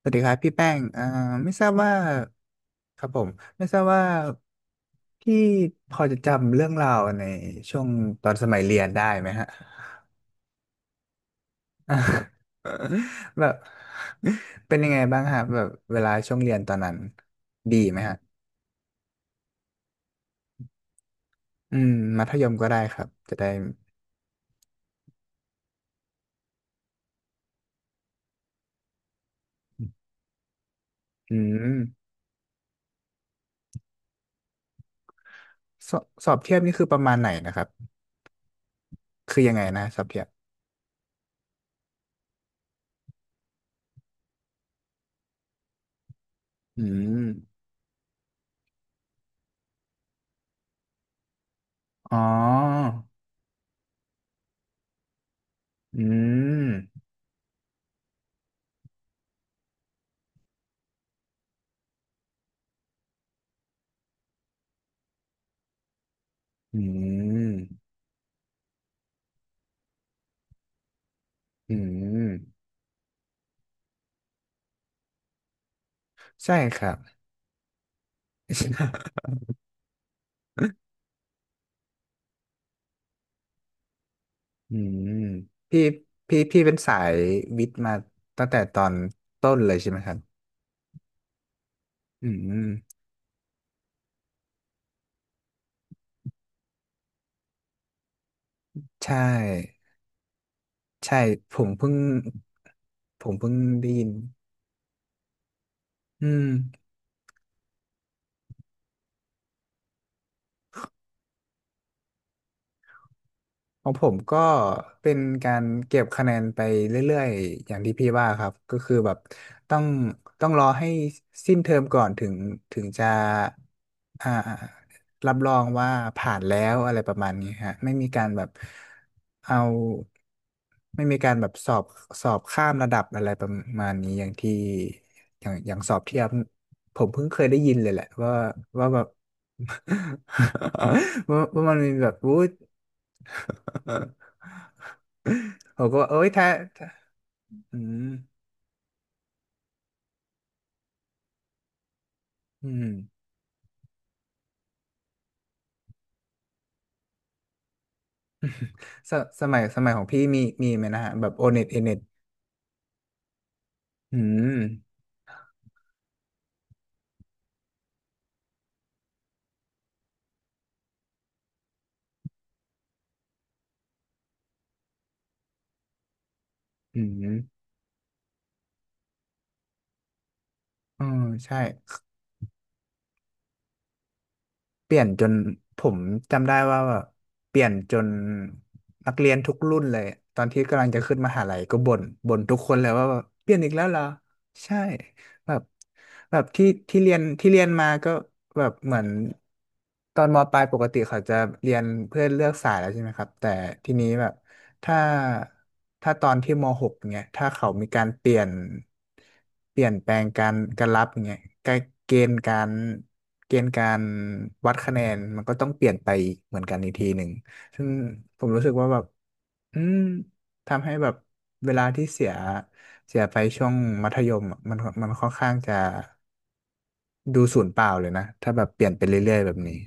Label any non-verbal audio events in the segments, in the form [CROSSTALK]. สวัสดีครับพี่แป้งไม่ทราบว่าครับผมไม่ทราบว่าพี่พอจะจำเรื่องราวในช่วงตอนสมัยเรียนได้ไหมฮะอ่า [LAUGHS] แบบเป็นยังไงบ้างฮะแบบเวลาช่วงเรียนตอนนั้นดีไหมฮะอืมมัธยมก็ได้ครับจะได้อืมสอบเทียบนี่คือประมาณไหนนะครับคือยังไงนะสอบเทียบอืมอ๋ออืมอืมอืมใช่ครับ [LAUGHS] อืมพี่พี่เป็นสายวิทย์มาตั้งแต่ตอนต้นเลยใช่ไหมครับอืมใช่ใช่ผมเพิ่งผมเพิ่งได้ยินอืม ของผมก็เป็นการเก็บคะแนนไปเรื่อยๆอย่างที่พี่ว่าครับก็คือแบบต้องต้องรอให้สิ้นเทอมก่อนถึงจะอ่ารับรองว่าผ่านแล้วอะไรประมาณนี้ฮะไม่มีการแบบเอาไม่มีการแบบสอบข้ามระดับอะไรประมาณนี้อย่างที่อย่างอย่างสอบเทียบผมเพิ่งเคยได้ยินเลยแหละว่าว่าแบบ [LAUGHS] ว่ามันมีแบบอู้ [LAUGHS] ผมก็ว่าเอ้ยถ้าอืมอืมสสมัยของพี่มีมีไหมนะฮะแบบโอเน็ตเอเน็ตอืม อืมอ๋อใช่ เปลี่ยนจนผมจำได้ว่าแบบเปลี่ยนจนนักเรียนทุกรุ่นเลยตอนที่กำลังจะขึ้นมหาลัยก็บ่นบ่นทุกคนเลยว่าแบบเปลี่ยนอีกแล้วเหรอใช่แบบแบบที่เรียนมาก็แบบเหมือนตอนมปลายปกติเขาจะเรียนเพื่อเลือกสายแล้วใช่ไหมครับแต่ทีนี้แบบ ถ้าถ้าตอนที่ม .6 เนี่ยถ้าเขามีการเปลี่ยนเปลี่ยนแปลงการรับเนี่ยการเกณฑ์การเกณฑ์การวัดคะแนนมันก็ต้องเปลี่ยนไปเหมือนกันอีกทีหนึ่งซึ่งผมรู้สึกว่าแบบอืมทำให้แบบเวลาที่เสียเสียไปช่วงมัธยมอะมันมันค่อนข้างจะดูสูญเปล่าเลยนะถ้าแบบเปลี่ยนไปเรื่อยๆแบบนี้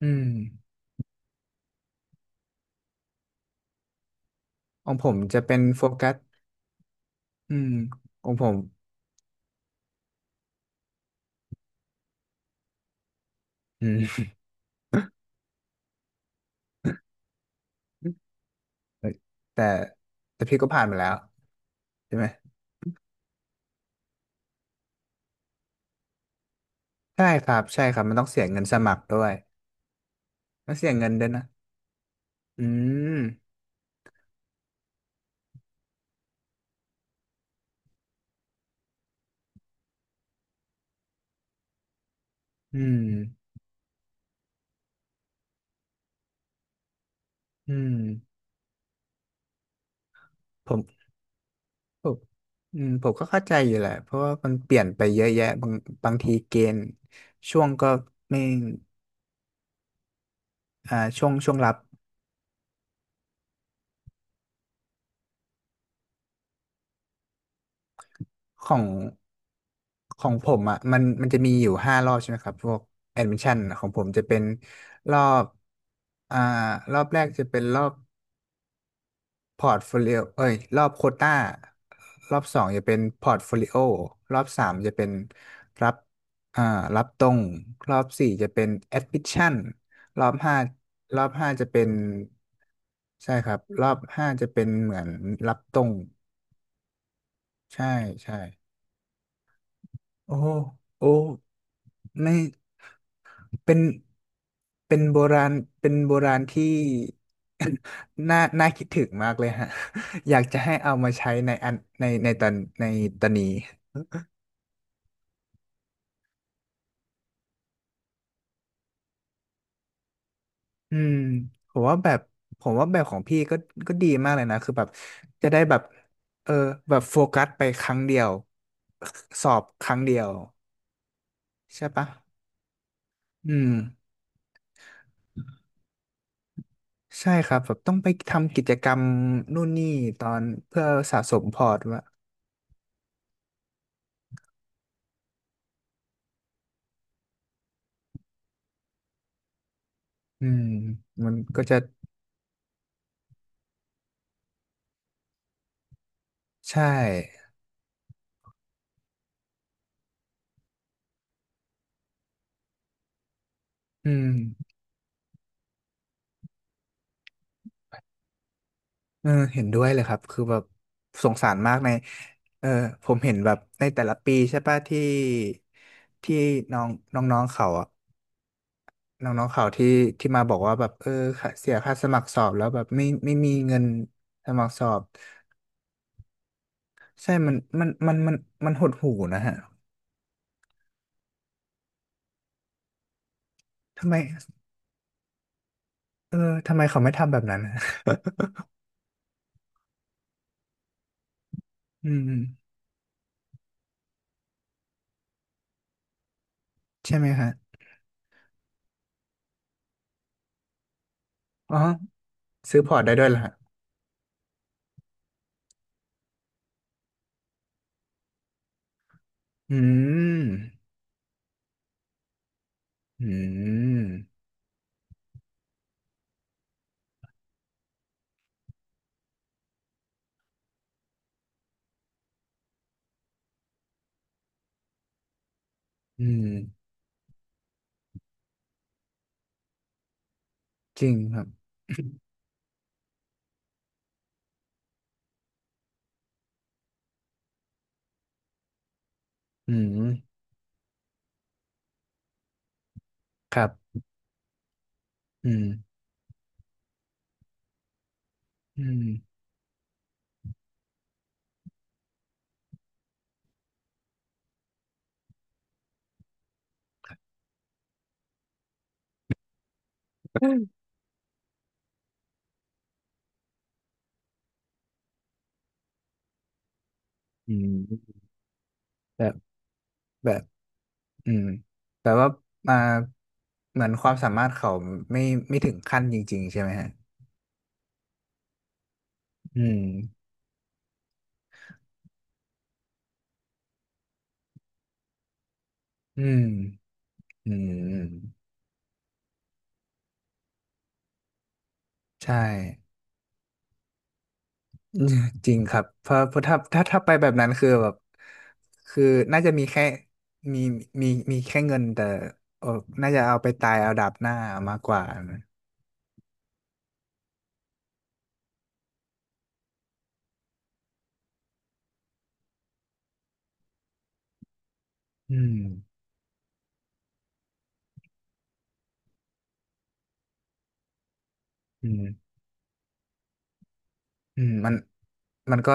อืมของผมจะเป็นโฟกัสอืมของผมอืม เอ้ยแต่แต่พี่ก็ผ่านมาแล้วใช่ไหมใช่ครับใช่ครับมันต้องเสียเงินสมัครด้วยต้องเสียเงินด้วยนะอืมอืมอืมผมผมอืมผมก็เข้าใจอยู่แหละเพราะว่ามันเปลี่ยนไปเยอะแยะบางบางทีเกณฑ์ช่วงก็ไม่ช่วงช่วงรับของของผมอ่ะมันจะมีอยู่ห้ารอบใช่ไหมครับพวกแอดมิชชั่นของผมจะเป็นรอบอ่ารอบแรกจะเป็นรอบ พอร์ตโฟลิโอเอ้ยรอบโควต้ารอบสองจะเป็นพอร์ตโฟลิโอรอบสามจะเป็นรับอ่ารับตรง รอบสี่จะเป็นแอดมิชชั่นรอบห้ารอบห้าจะเป็นใช่ครับ รอบห้าจะเป็นเหมือนรับตรง ใช่ใช่โอ้โโอ้ไม่ เป็นเป็นโบราณเป็นโบราณที่ [LAUGHS] น่าน่าคิดถึงมากเลยฮะ [LAUGHS] อยากจะให้เอามาใช้ในอันในในตอนในตอนนี้อืมผมว่าแบบผมว่าแบบของพี่ก็ก็ดีมากเลยนะคือแบบจะได้แบบเออแบบโฟกัสไปครั้งเดียวสอบครั้งเดียวใช่ปะอืมใช่ครับแบบต้องไปทำกิจกรรมนู่นนี่ตอนเพื่อสะสมพอร์ตว่าอืมมันก็จะใช่ อืมเออเห็นด้วยเลยครับ คือแบบสงสารมากในเออผมเห็นแบบในแต่ละปีใช่ป่ะที่ที่น้องน้องๆเขาอะน้องๆเขาที่ที่มาบอกว่าแบบเออค่าเสียค่าสมัครสอบแล้วแบบไม่ไม่มีเงินสมัครสอบใช่ มันมันหดหู่นะฮะทำไมเออทำไมเขาไม่ทำแบบนั้น [LAUGHS] อืม [LAUGHS] ใช่ไหมฮะอ๋อซื้อพอร์ตได้ด้วยเหรอฮะอืมอืมอืม จริงครับ [LAUGHS] อืมครับอืมอืมอืมแบบแบบอืมแต่ว่ามาเหมือนความสามารถเขาไม่ไม่ถึงขั้นจริงๆใช่ไหมฮะอืมอืมอืมใช่ จริงครับเพราะเพราะถ้าไปแบบนั้นคือแบบคือน่าจะมีแค่มีมีมีแค่เงินแต่เออน่าจะเอาไปตายเอาดาบหน้ามากกว่านะอืมอืม อืมมันมันก็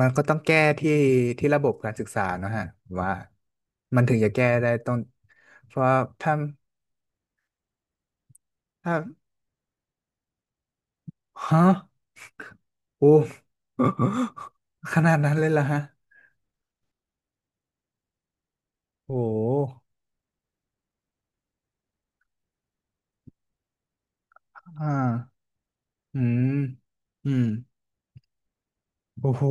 มันก็ต้องแก้ที่ที่ระบบการศึกษาเนอะฮะ ว่ามันถึงจะแก้ได้ต้องเพราะถ้าถ้าฮะโอ้ [LAUGHS] ขนาดนั้นเลยเหรอฮะ โอ้อ่าอืมอืมโอ้โห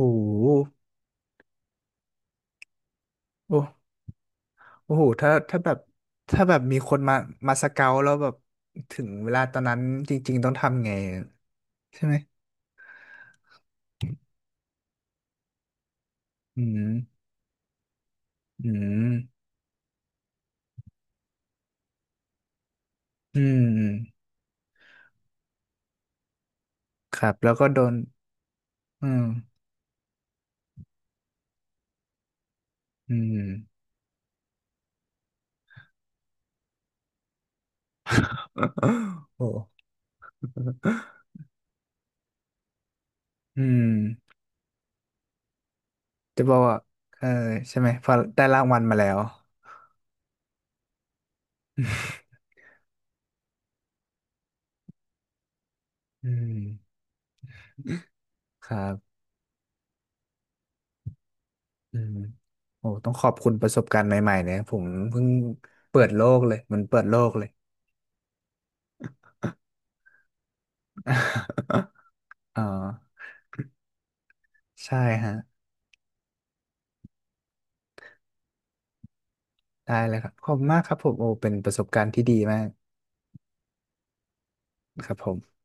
โอ้โอ้โหถ้าแบบถ้าแบบมีคนมามาสเกาแล้วแบบถึงเวลาตอนนั้นจริงๆต้องทำไง ใช่ไหมอืมอืมอืม ครับแล้วก็โดน อืมอืม [LAUGHS] โอ้อืมจะบอกว่าเออใช่ไหมพอได้รางวัลมาแล้ว [LAUGHS] อืม ครับอืมโอ้ต้องขอบคุณประสบการณ์ใหม่ๆเนี่ยผมเพิ่งเปิดโลกเลยมันเปิดโลกเลย [LAUGHS] อ่าใช่ฮะ ได้เลยครับขอบคุณมากครับผมโอ้เป็นประสบการณ์ที่ดีมากครับผม